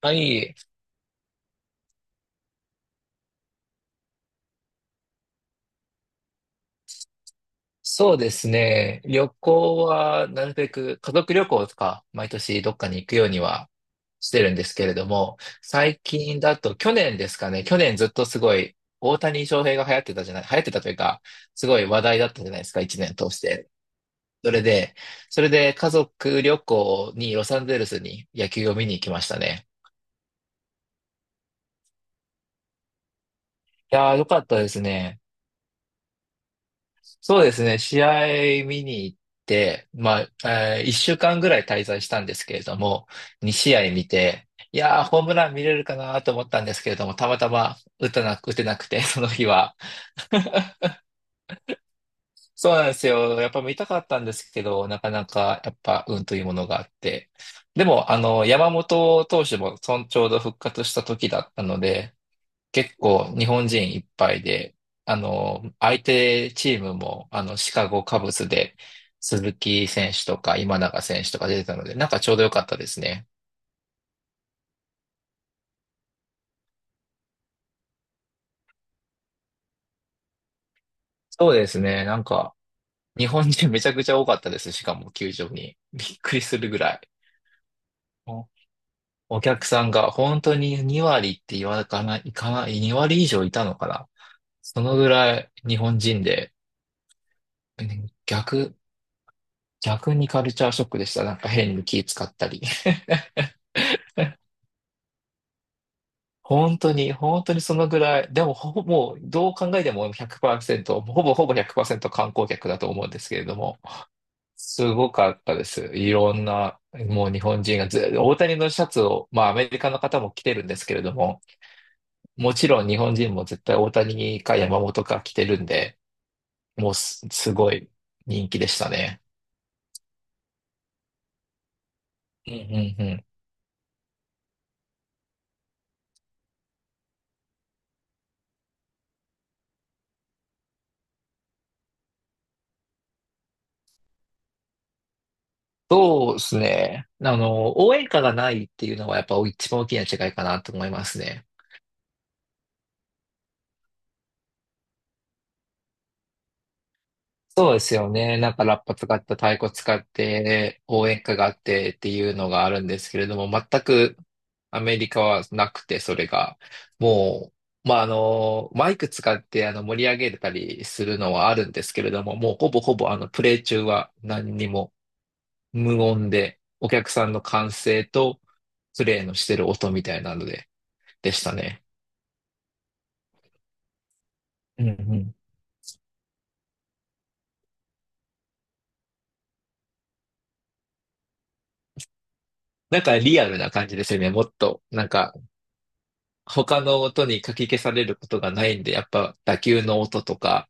はい。そうですね。旅行は、なるべく家族旅行とか、毎年どっかに行くようにはしてるんですけれども、最近だと、去年ですかね。去年ずっとすごい、大谷翔平が流行ってたというか、すごい話題だったじゃないですか、一年通して。それで、それで家族旅行にロサンゼルスに野球を見に行きましたね。いやー、よかったですね。そうですね、試合見に行って、まあ、1週間ぐらい滞在したんですけれども、2試合見て、いやー、ホームラン見れるかなと思ったんですけれども、たまたま打てなくて、その日は。そうなんですよ。やっぱ見たかったんですけど、なかなか、やっぱ、運というものがあって。でも、あの、山本投手も、ちょうど復活した時だったので、結構日本人いっぱいで、あの、相手チームも、あの、シカゴカブスで、鈴木選手とか今永選手とか出てたので、なんかちょうどよかったですね。そうですね。なんか、日本人めちゃくちゃ多かったです。しかも球場に。びっくりするぐらい。おお客さんが本当に2割って言わかない、いかない、2割以上いたのかな。そのぐらい日本人で、うん逆、逆にカルチャーショックでした。なんか変に気使ったり。本当に、本当にそのぐらい、でもほぼ、もうどう考えても100%、ほぼほぼ100%観光客だと思うんですけれども、すごかったです。いろんな、もう日本人がず、大谷のシャツを、まあアメリカの方も着てるんですけれども、もちろん日本人も絶対大谷か山本か着てるんで、もうす、すごい人気でしたね。うんうんうん。そうですね。あの、応援歌がないっていうのはやっぱ一番大きな違いかなと思いますね。そうですよね。なんかラッパ使った太鼓使って応援歌があってっていうのがあるんですけれども、全くアメリカはなくて、それが。もまあ、あの、マイク使ってあの盛り上げたりするのはあるんですけれども、もうほぼほぼあのプレイ中は何にも無音で、お客さんの歓声とプレイのしてる音みたいなので、でしたね。うんうん。なんかリアルな感じですよね。もっと、なんか、他の音にかき消されることがないんで、やっぱ打球の音とか、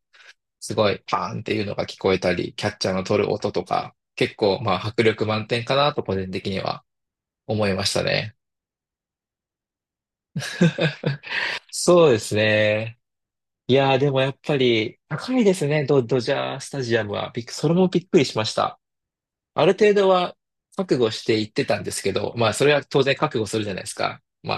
すごいパーンっていうのが聞こえたり、キャッチャーの取る音とか、結構まあ迫力満点かなと個人的には思いましたね。そうですね。いやーでもやっぱり高いですね、ドジャースタジアムは。びっくそれもびっくりしました。ある程度は覚悟していってたんですけど、まあそれは当然覚悟するじゃないですか。ま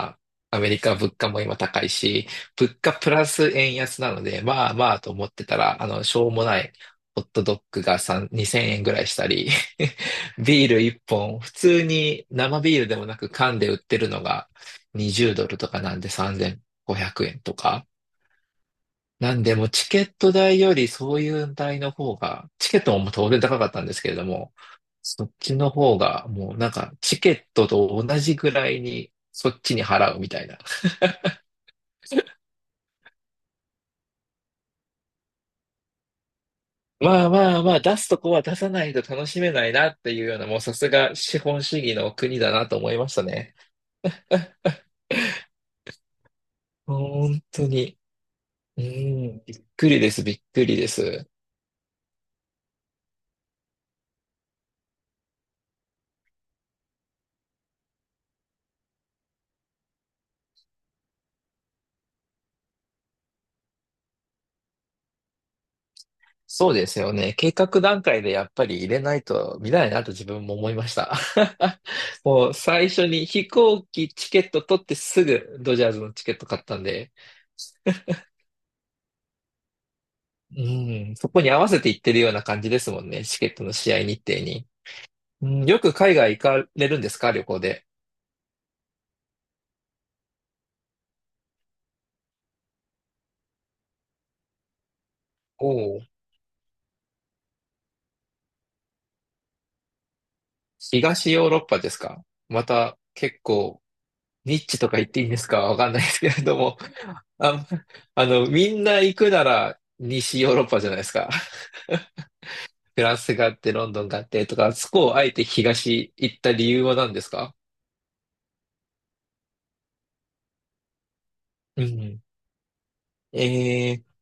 あアメリカ物価も今高いし、物価プラス円安なので、まあまあと思ってたら、あの、しょうもないホットドッグが3、2000円ぐらいしたり、ビール1本、普通に生ビールでもなく缶で売ってるのが20ドルとかなんで3500円とか、なんで、もうチケット代よりそういう代の方が、チケットも当然高かったんですけれども、そっちの方が、もうなんか、チケットと同じぐらいに、そっちに払うみたいな。まあまあまあ、出すとこは出さないと楽しめないなっていうような、もうさすが資本主義の国だなと思いましたね。本当に。うん、びっくりです、びっくりです。そうですよね。計画段階でやっぱり入れないと見ないなと自分も思いました。もう最初に飛行機チケット取ってすぐドジャーズのチケット買ったんで、うん、そこに合わせて行ってるような感じですもんね。チケットの試合日程に。うん、よく海外行かれるんですか旅行で。おお、東ヨーロッパですか？また結構ニッチとか言っていいんですかわかんないですけれども。あ、あの、みんな行くなら西ヨーロッパじゃないですか。フランスがあって、ロンドンがあって、とか、そこをあえて東行った理由は何ですか？うん。え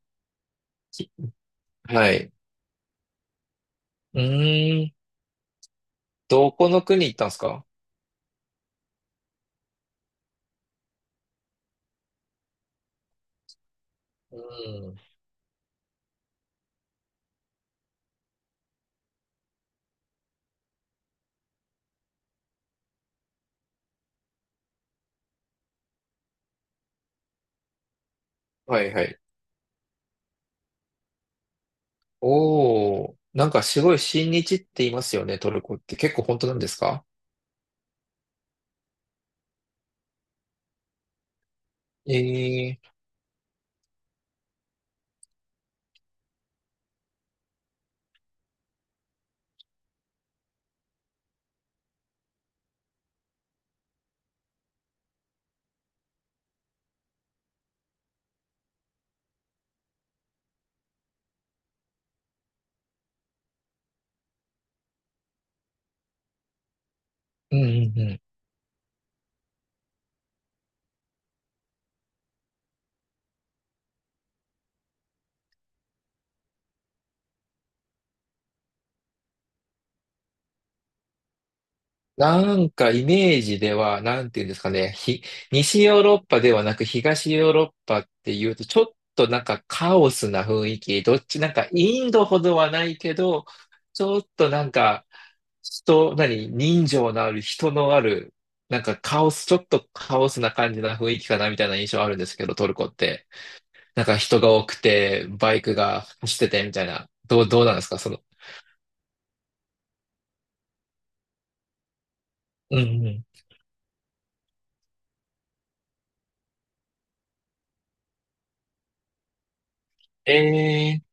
ー、はい。うーん。どこの国行ったんですか？うん。はいはい。おー、なんかすごい親日って言いますよね、トルコって。結構本当なんですか？えー、うんうんうん。なんかイメージでは、なんていうんですかね、西ヨーロッパではなく東ヨーロッパっていうと、ちょっとなんかカオスな雰囲気、どっち、なんかインドほどはないけど、ちょっとなんか、人のある、なんかカオス、ちょっとカオスな感じな雰囲気かなみたいな印象あるんですけど、トルコって。なんか人が多くて、バイクが走っててみたいな。どうなんですか、その。うんうん。え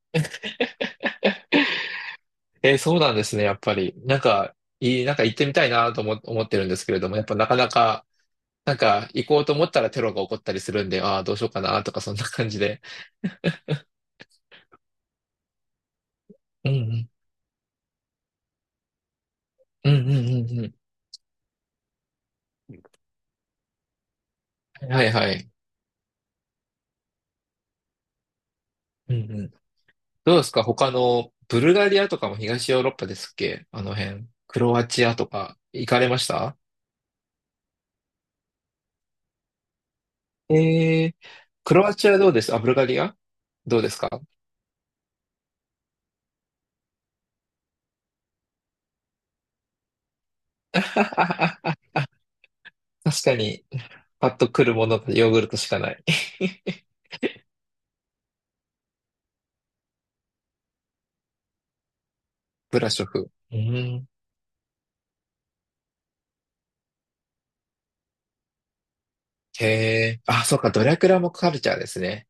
えーそうなんですね、やっぱり。なんか、いい、なんか行ってみたいなと思ってるんですけれども、やっぱなかなか、なんか行こうと思ったらテロが起こったりするんで、ああ、どうしようかなとか、そんな感じで。うんうん。うんうんうんうん。はいはい。うんうん。どうですか他の、ブルガリアとかも東ヨーロッパですっけあの辺。クロアチアとか、行かれました？えー、クロアチアどうです？あ、ブルガリアどうですか？ 確かに、パッと来るものがヨーグルトしかない。 ブラショフ。うん。へえ。あ、そうか、ドラクラもカルチャーですね。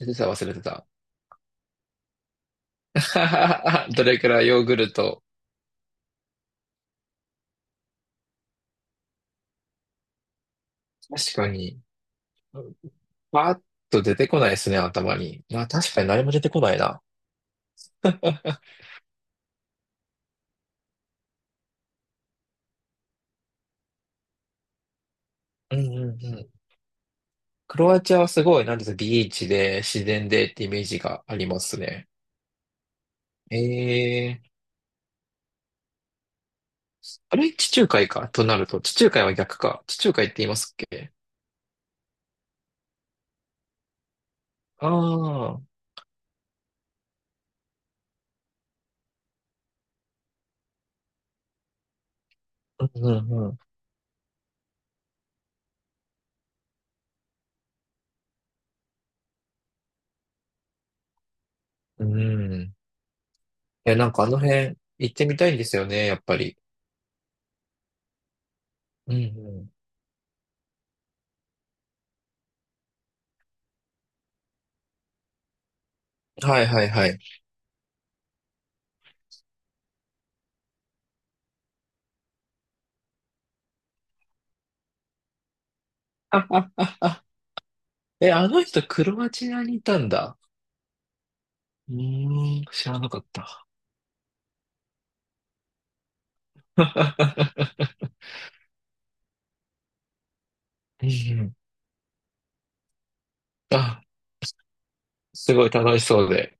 忘れてた。ドラクラヨーグルト。確かに。パーッと出てこないですね、頭に。まあ確かに何も出てこないな。うんうんうん。クロアチアはすごい、なんですか、ビーチで、自然でってイメージがありますね。ええあれ、地中海か、となると。地中海は逆か。地中海って言いますっけ？ああー、うんうんうん。うん。や、なんかあの辺行ってみたいんですよね、やっぱり。うんうん。はいはいはい。ああえ、あの人クロアチアにいたんだ。うーん、知らなかった。うんうんあ、すごい楽しそうで。